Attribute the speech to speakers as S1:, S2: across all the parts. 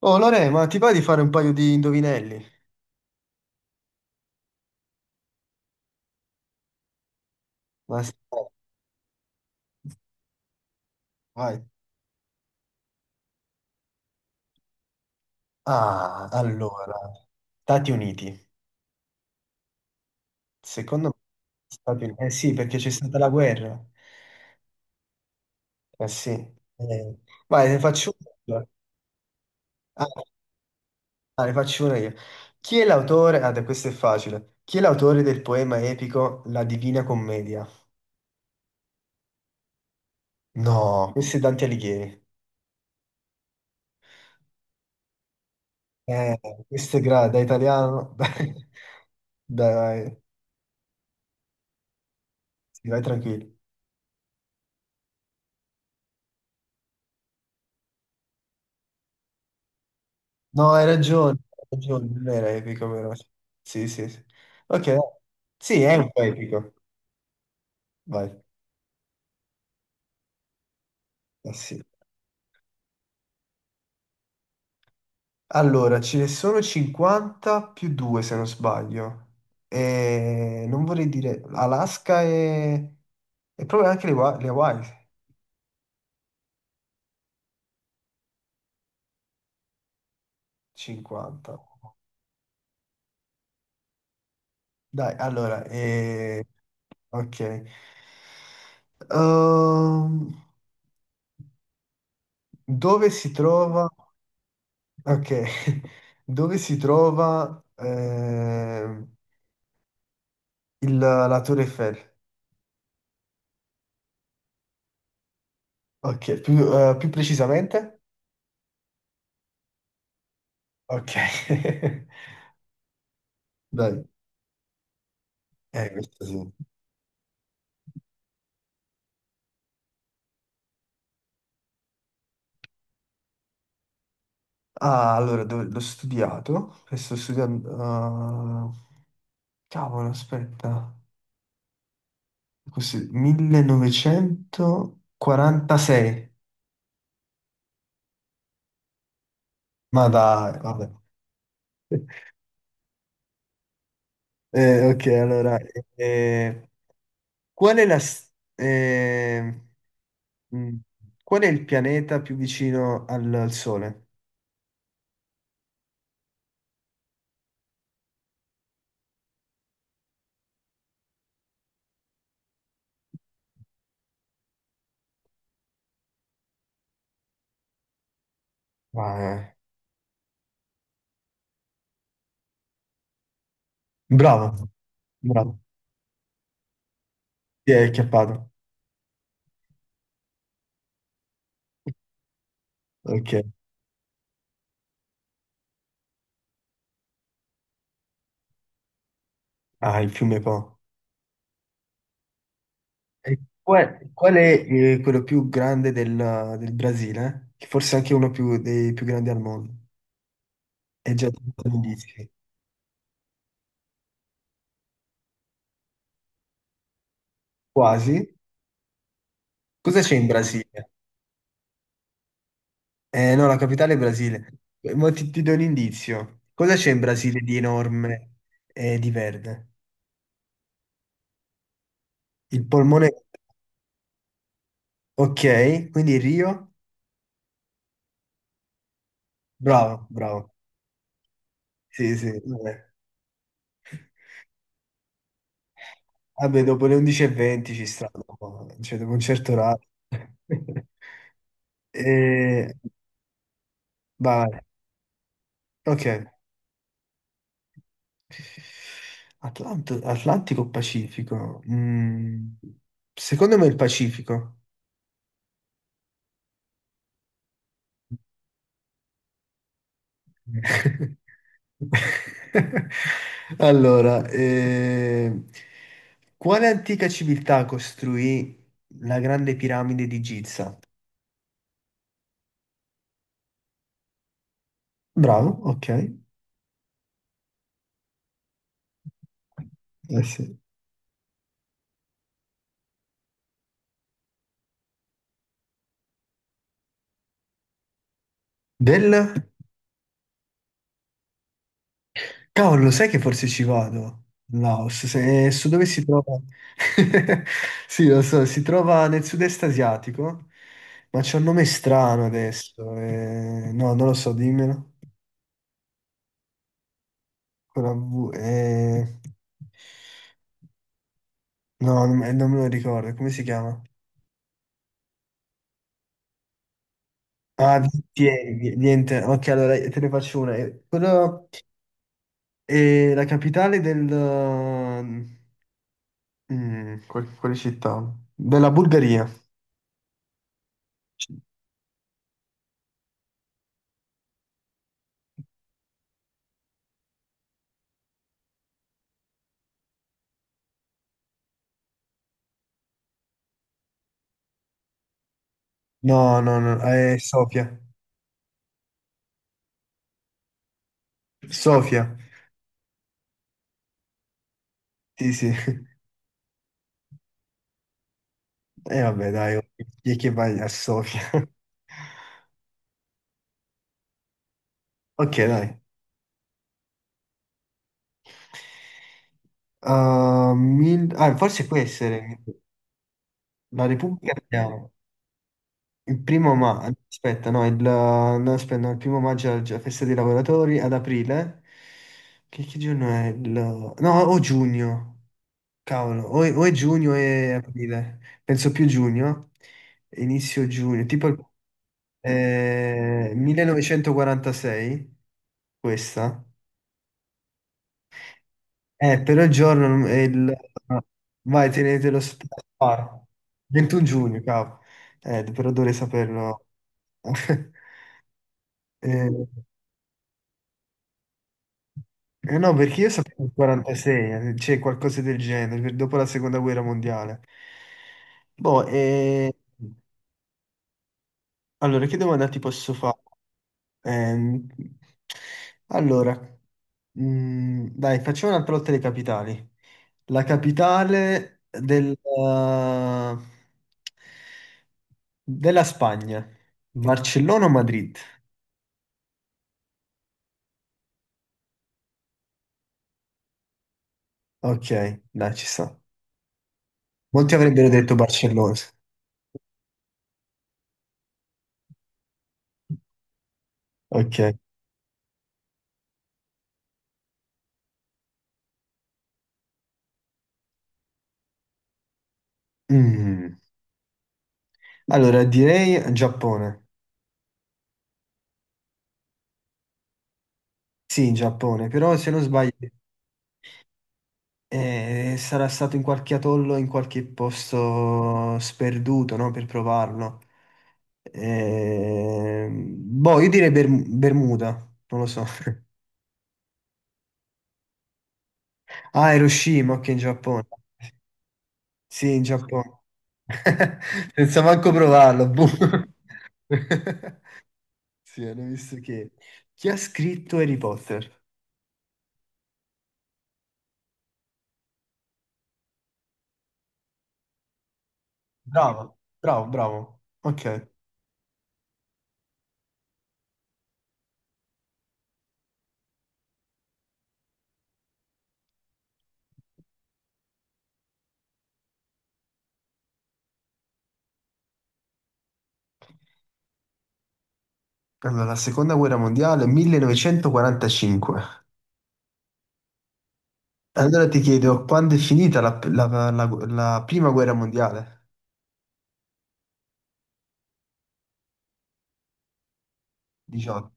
S1: Oh Lore, ma ti va di fare un paio di indovinelli? Ma s- Vai. Ah, allora, Stati Uniti. Secondo me, Stati Uniti. Eh sì, perché c'è stata la guerra. Eh sì. Vai, ne faccio una io. Ah, ah, ne faccio una io. Chi è l'autore? Ah, dai, questo è facile. Chi è l'autore del poema epico La Divina Commedia? No, questo è Dante Alighieri. Eh, questo è da italiano. Dai, dai, sì, vai tranquillo. No, hai ragione, non era epico però. Sì, sì, sì, sì. Ok, dai. Sì, è un po' epico. Vai. Eh sì. Allora, ce ne sono 50 più 2 se non sbaglio. E non vorrei dire Alaska e proprio anche le Hawaii. 50. Dai, allora, ok. Ehm, dove si trova? Ok, dove si trova la Torre Eiffel? Ok, più precisamente? Ok, dai, questo sì. Ah, allora, l'ho studiato, e sto studiando, cavolo, aspetta, così, 1946. Ma dai, vabbè. Ok, allora, eh, qual è la... s- Mm. Qual è il pianeta più vicino al Sole? Ah, eh. Bravo, bravo. Ti è acchiappato. Ok. Ah, il fiume Po. E qual è quello più grande del Brasile? Che forse è anche uno dei più grandi al mondo. È già tanto indizi. Quasi. Cosa c'è in Brasile? No, la capitale è Brasile. Ma ti do un indizio. Cosa c'è in Brasile di enorme e di verde? Il polmone. Ok, quindi Rio, bravo, bravo. Sì, sì, vabbè. Vabbè, dopo le 11:20 ci sta, dopo, cioè dopo un certo orario. E... Vai, ok. Atlantico o Pacifico? Secondo me il Pacifico. Allora, quale antica civiltà costruì la grande piramide di Giza? Bravo, ok. Eh sì. Del... Cavolo, sai che forse ci vado? In Laos, se, su dove si trova? Sì, lo so, si trova nel sud-est asiatico, ma c'è un nome strano adesso. No, non lo so, dimmelo. Con la V, no, non me lo ricordo, come si chiama? Ah, Vientiane, niente. Ok, allora te ne faccio una. Quello è la capitale del... quale città? Della Bulgaria. No, no, no, è Sofia. Sofia. Sì, sì. E vabbè, dai, ok. Chi è che vai a Sofia? Ok, dai. Forse può essere la Repubblica Italiana. Il primo maggio, aspetta, no, aspetta, no, il primo maggio è la festa dei lavoratori, ad aprile. Che giorno è? Il... No, o giugno. Cavolo, o è giugno e aprile, penso più giugno, inizio giugno, tipo 1946, questa. Però il giorno è il... no, Vai, tenetelo sparo. 21 giugno, cavolo. Però dovrei saperlo. Eh, eh no, perché io sapevo il 46, c'è qualcosa del genere, dopo la seconda guerra mondiale. Boh, allora, che domanda ti posso fare? Ehm, allora, dai, facciamo un'altra lotta dei capitali. La capitale della Spagna, Barcellona o Madrid? Ok, dai, ci sta. Molti avrebbero detto Barcellona. Ok. Mm. Allora, direi Giappone. Sì, Giappone, però se non sbaglio sarà stato in qualche atollo, in qualche posto sperduto, no? Per provarlo. Ehm, boh, io direi Bermuda, non lo so. Ah, Hiroshima, ok, in Giappone. Sì, in Giappone. Senza manco provarlo. Boh. Sì, hanno visto che... Chi ha scritto Harry Potter? Bravo, bravo, bravo. Ok. Allora, la seconda guerra mondiale, 1945. Allora ti chiedo, quando è finita la prima guerra mondiale? 18.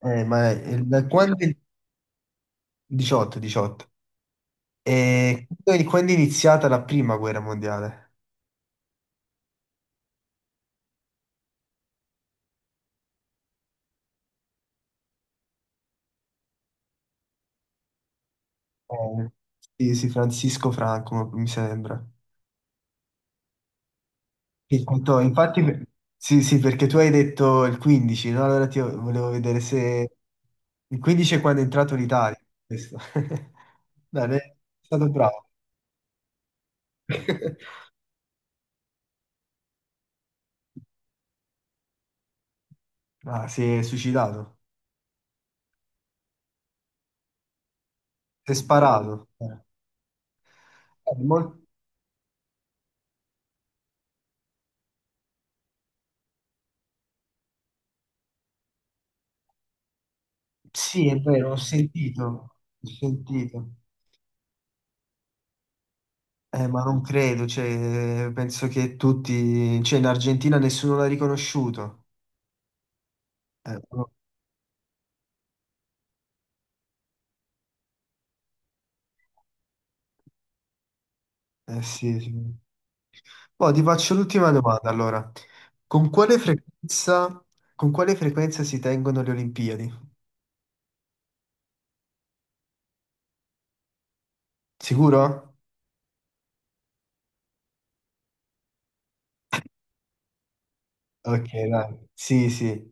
S1: Ma da quando... 18, 18. E quindi quando è iniziata la prima guerra mondiale? Eh, sì, sì, Francisco Franco, mi sembra. Sì, appunto, infatti, sì, sì, perché tu hai detto il 15, no? Allora ti volevo vedere se... Il 15 è quando è entrato l'Italia. Questo. Bene, è stato bravo. Ah, si è suicidato. Si è sparato. Mol- Sì, è vero, ho sentito. Ho sentito. Ma non credo, cioè, penso che tutti, cioè in Argentina nessuno l'ha riconosciuto. No. Sì, sì. Boh, ti faccio l'ultima domanda allora. Con quale frequenza, con quale frequenza, si tengono le Olimpiadi? Sicuro? Ok, dai. Sì, sì.